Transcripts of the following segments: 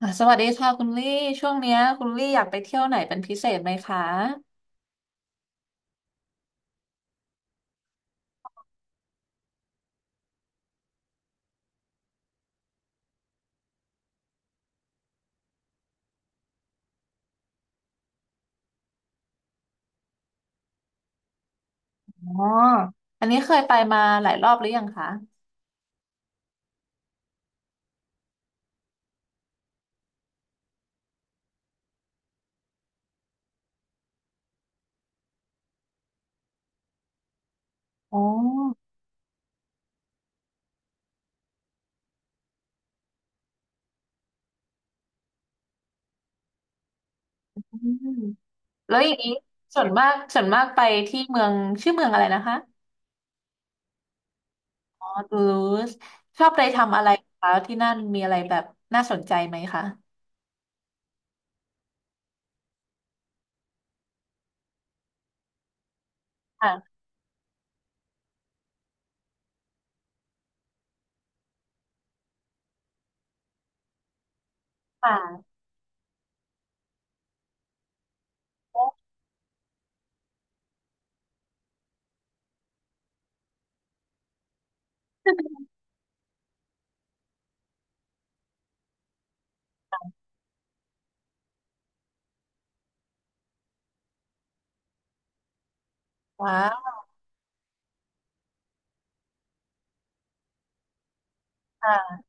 อ่ะสวัสดีค่ะคุณลี่ช่วงเนี้ยคุณลี่อยากไปเที่ยวไหนเป็นพิเศษไหมคะอ๋ออันนี้เคยไปมาหลายรอบหรือยังคะอ๋ออืมแล้วอย่างนี้ส่วนมากไปที่เมืองชื่อเมืองอะไรนะคะอ๋อตูลูสชอบไปทำอะไรคะที่นั่นมีอะไรแบบน่าสนใจไหมคะค่ะค่ะ ว้าว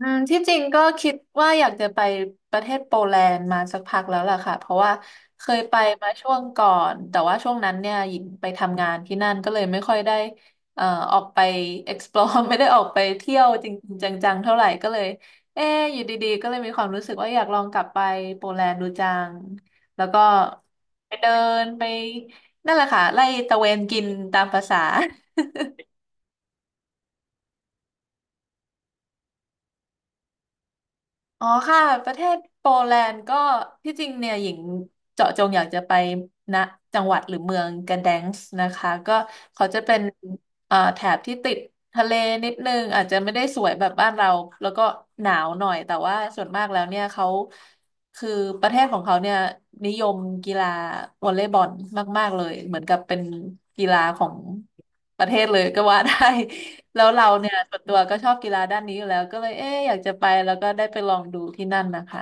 อืมที่จริงก็คิดว่าอยากจะไปประเทศโปแลนด์มาสักพักแล้วล่ะค่ะเพราะว่าเคยไปมาช่วงก่อนแต่ว่าช่วงนั้นเนี่ยหญิงไปทำงานที่นั่นก็เลยไม่ค่อยได้เอ่อออกไป explore ไม่ได้ออกไปเที่ยวจริงๆจังๆเท่าไหร่ก็เลยเอ๊ะอยู่ดีๆก็เลยมีความรู้สึกว่าอยากลองกลับไปโปแลนด์ดูจังแล้วก็ไปเดินไปนั่นแหละค่ะไล่ตะเวนกินตามภาษา อ๋อค่ะประเทศโปแลนด์ก็ที่จริงเนี่ยหญิงเจาะจงอยากจะไปนะจังหวัดหรือเมืองกระแดงส์นะคะก็เขาจะเป็นแถบที่ติดทะเลนิดนึงอาจจะไม่ได้สวยแบบบ้านเราแล้วก็หนาวหน่อยแต่ว่าส่วนมากแล้วเนี่ยเขาคือประเทศของเขาเนี่ยนิยมกีฬาวอลเลย์บอลมากๆเลยเหมือนกับเป็นกีฬาของประเทศเลยก็ว่าได้ แล้วเราเนี่ยส่วนตัวก็ชอบกีฬาด้านนี้อยู่แล้วก็เลยเอ๊ะอยากจะไปแล้วก็ได้ไปลองดูที่นั่นนะคะ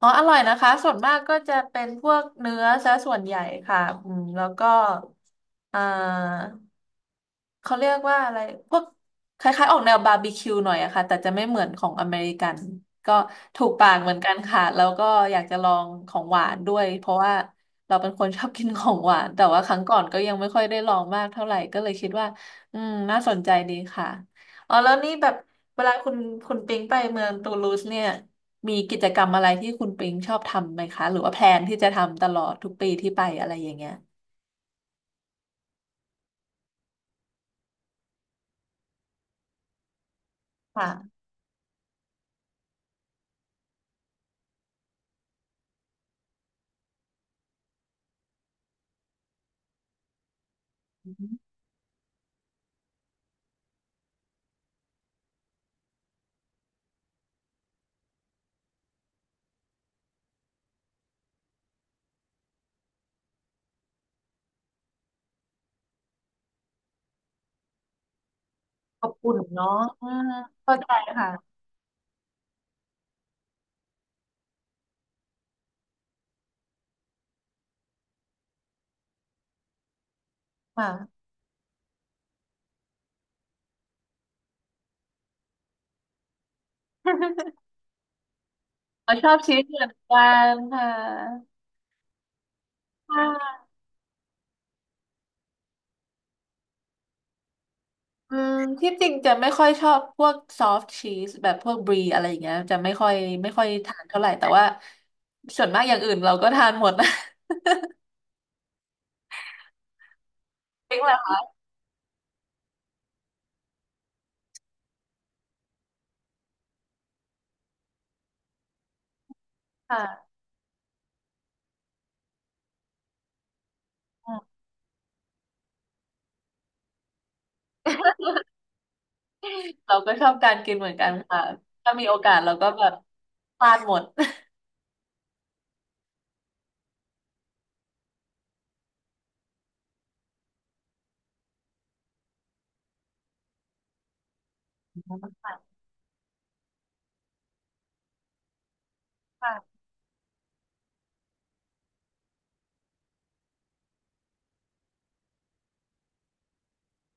อ๋ออร่อยนะคะส่วนมากก็จะเป็นพวกเนื้อซะส่วนใหญ่ค่ะอืมแล้วก็อ่า เขาเรียกว่าอะไรพวกคล้ายๆออกแนวบาร์บีคิวหน่อยอะค่ะแต่จะไม่เหมือนของอเมริกันก็ถูกปากเหมือนกันค่ะแล้วก็อยากจะลองของหวานด้วยเพราะว่าเราเป็นคนชอบกินของหวานแต่ว่าครั้งก่อนก็ยังไม่ค่อยได้ลองมากเท่าไหร่ก็เลยคิดว่าอืมน่าสนใจดีค่ะอ๋อแล้วนี่แบบเวลาคุณปิงไปเมืองตูลูสเนี่ยมีกิจกรรมอะไรที่คุณปิงชอบทำไหมคะหรือว่าแพลนที่จะทำตลอดทุกปีที่ไปอะไรอย่างเงี้ยค่ะอบคุนเนาะอืมเข้าใจค่ะ ค่ะ เราชอบชีวิตเหมือนกันค่ะค่ะอืมที่จริงจะไม่ค่อยชอบพวกซอฟต์ชีสแบบพวกบรีอะไรอย่างเงี้ยจะไม่ค่อยทานเท่าไหร่แต่ว่าส่วนมากอย่างอื่นเราก็ทานหมดนะ จริงแล้วค่ะอืมเราก็ชอบการกินเหมือนกันค่ะถ้ามีโอกาสเราก็แบบทานหมด ค่ะค่ะ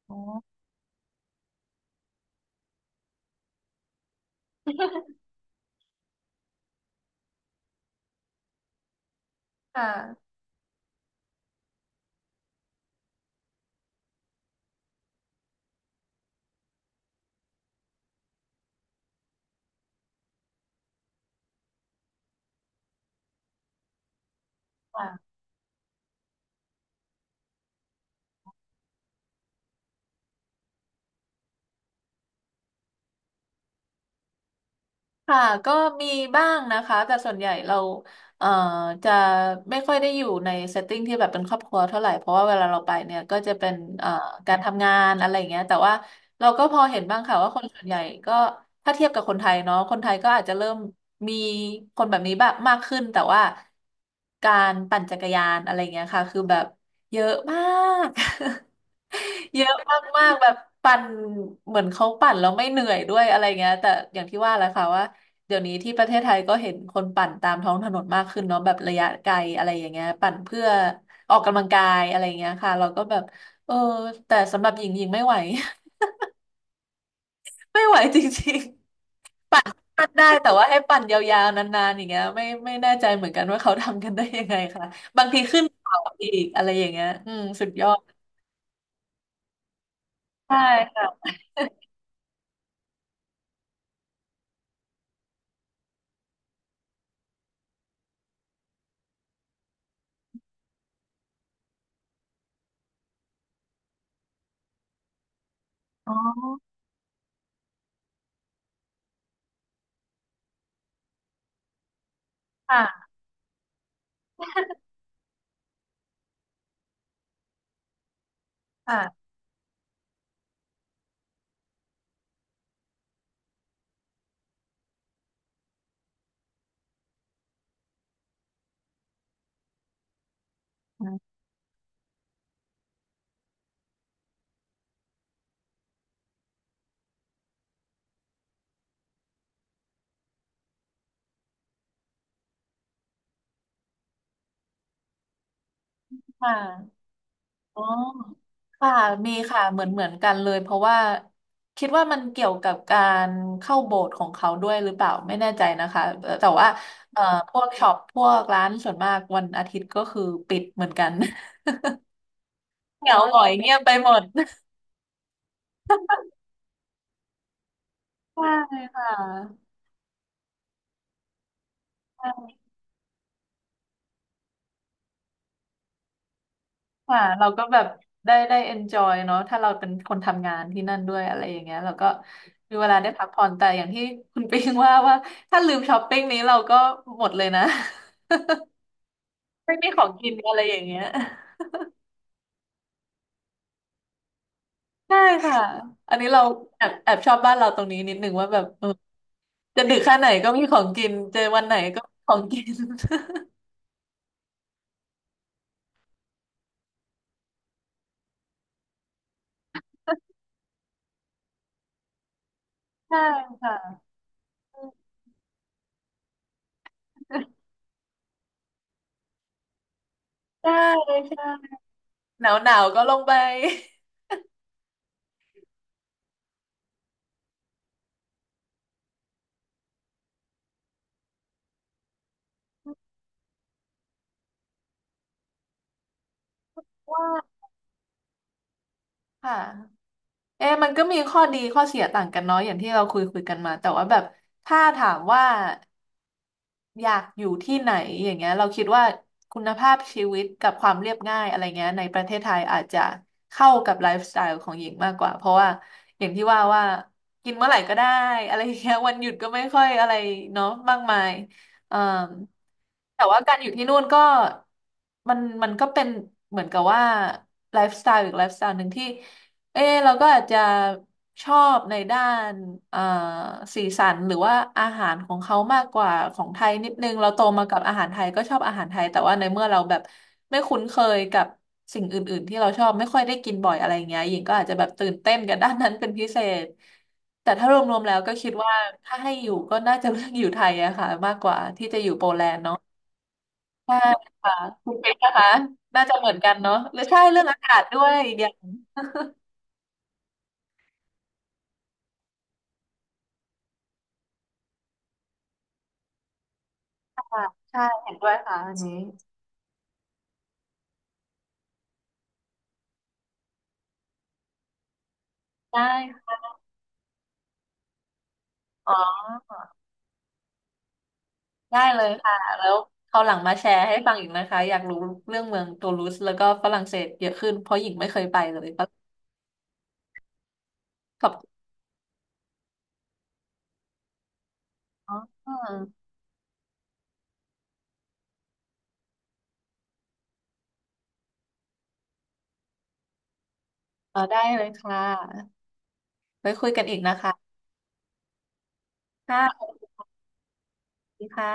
อ๋อค่ะค่ะ ค่ะก็มีบ้างนะคะแต่ส่วนใหญ่เราเอ่อจะไม่ค่อยได้อยู่ในเซตติ้งที่แบบเป็นครอบครัวเท่าไหร่เพราะว่าเวลาเราไปเนี่ยก็จะเป็นเอ่อการทำงานอะไรอย่างเงี้ยแต่ว่าเราก็พอเห็นบ้างค่ะว่าคนส่วนใหญ่ก็ถ้าเทียบกับคนไทยเนาะคนไทยก็อาจจะเริ่มมีคนแบบนี้บ้างมากขึ้นแต่ว่าการปั่นจักรยานอะไรอย่างเงี้ยค่ะคือแบบเยอะมาก เยอะมากๆแบบปั่นเหมือนเขาปั่นแล้วไม่เหนื่อยด้วยอะไรเงี้ยแต่อย่างที่ว่าแหละค่ะว่า เดี๋ยวนี้ที่ประเทศไทยก็เห็นคนปั่นตามท้องถนนมากขึ้นเนาะแบบระยะไกลอะไรอย่างเงี้ยปั่นเพื่อออกกำลังกายอะไรอย่างเงี้ยค่ะเราก็แบบเออแต่สำหรับหญิงหญิงไม่ไหว ไม่ไหวจริงๆปั่นได้แต่ว่าให้ปั่นยาวๆนานๆอย่างเงี้ยไม่แน่ใจเหมือนกันว่าเขาทำกันได้ยังไงค่ะบางทีขึ้นเขาอีกอะไรอย่างเงี้ยอืมสุดยอดใช่ค่ะอ๋อค่ะค่ะค่ะ อ๋อค่ะมีค่ะเหมือนกันเลยเพราะว่าคิดว่ามันเกี่ยวกับการเข้าโบสถ์ของเขาด้วยหรือเปล่าไม่แน่ใจนะคะแต่ว่าเอ่อพวกช็อปพวกร้านส่วนมากวันอาทิตย์ก็คือปิดเหมือนกัน เหงาหงอยเงียบไปหมดใช่ค่ะใช่ค่ะเราก็แบบได้ enjoy เนอะถ้าเราเป็นคนทำงานที่นั่นด้วยอะไรอย่างเงี้ยเราก็มีเวลาได้พักผ่อนแต่อย่างที่คุณปิงว่าถ้าลืมช้อปปิ้งนี้เราก็หมดเลยนะ ไม่มีของกินอะไรอย่างเงี้ย ใช่ค่ะอันนี้เราแอบชอบบ้านเราตรงนี้นิดนึงว่าแบบเออจะดึกแค่ไหนก็มีของกินเจอวันไหนก็มีของกิน ใช่ค่ะใช่ใช่หนาวหนาวก็ลงไป ว่าค่ะเอ๊ะมันก็มีข้อดีข้อเสียต่างกันเนาะอย่างที่เราคุยกันมาแต่ว่าแบบถ้าถามว่า อยากอยู่ที่ไหนอย่างเงี้ยเราคิดว่าคุณภาพชีวิตกับความเรียบง่ายอะไรเงี้ยในประเทศไทยอาจจะเข้ากับไลฟ์สไตล์ของหญิงมากกว่าเพราะว่าอย่างที่ว่ากินเมื่อไหร่ก็ได้อะไรเงี้ยวันหยุดก็ไม่ค่อยอะไรเนาะมากมายเอ่อแต่ว่าการอยู่ที่นู่นก็มันก็เป็นเหมือนกับว่าไลฟ์สไตล์อีกไลฟ์สไตล์หนึ่งที่ เออเราก็อาจจะชอบในด้านเอ่อสีสันหรือว่าอาหารของเขามากกว่าของไทยนิดนึงเราโตมากับอาหารไทยก็ชอบอาหารไทยแต่ว่าในเมื่อเราแบบไม่คุ้นเคยกับสิ่งอื่นๆที่เราชอบไม่ค่อยได้กินบ่อยอะไรเงี้ยหญิงก็อาจจะแบบตื่นเต้นกับด้านนั้นเป็นพิเศษแต่ถ้ารวมๆแล้วก็คิดว่าถ้าให้อยู่ก็น่าจะเลือกอยู่ไทยอะค่ะมากกว่าที่จะอยู่โปแลนด์เนาะใช่ค่ะคุณเป็นนะคะน่าจะเหมือนกันเนาะหรือใช่เรื่องอากาศด้วยอีกอย่าง ค่ะใช่เห็นด้วยค่ะอันนี้ได้อ๋อได้เลยค่ะแล้วคราวหลังมาแชร์ให้ฟังอีกนะคะอยากรู้เรื่องเมืองตูลูสแล้วก็ฝรั่งเศสเยอะขึ้นเพราะหญิงไม่เคยไปเลยก็ขอบคุณอ๋อออได้เลยค่ะไว้คุยกันอีกนะคะค่ะขอบคุณค่ะ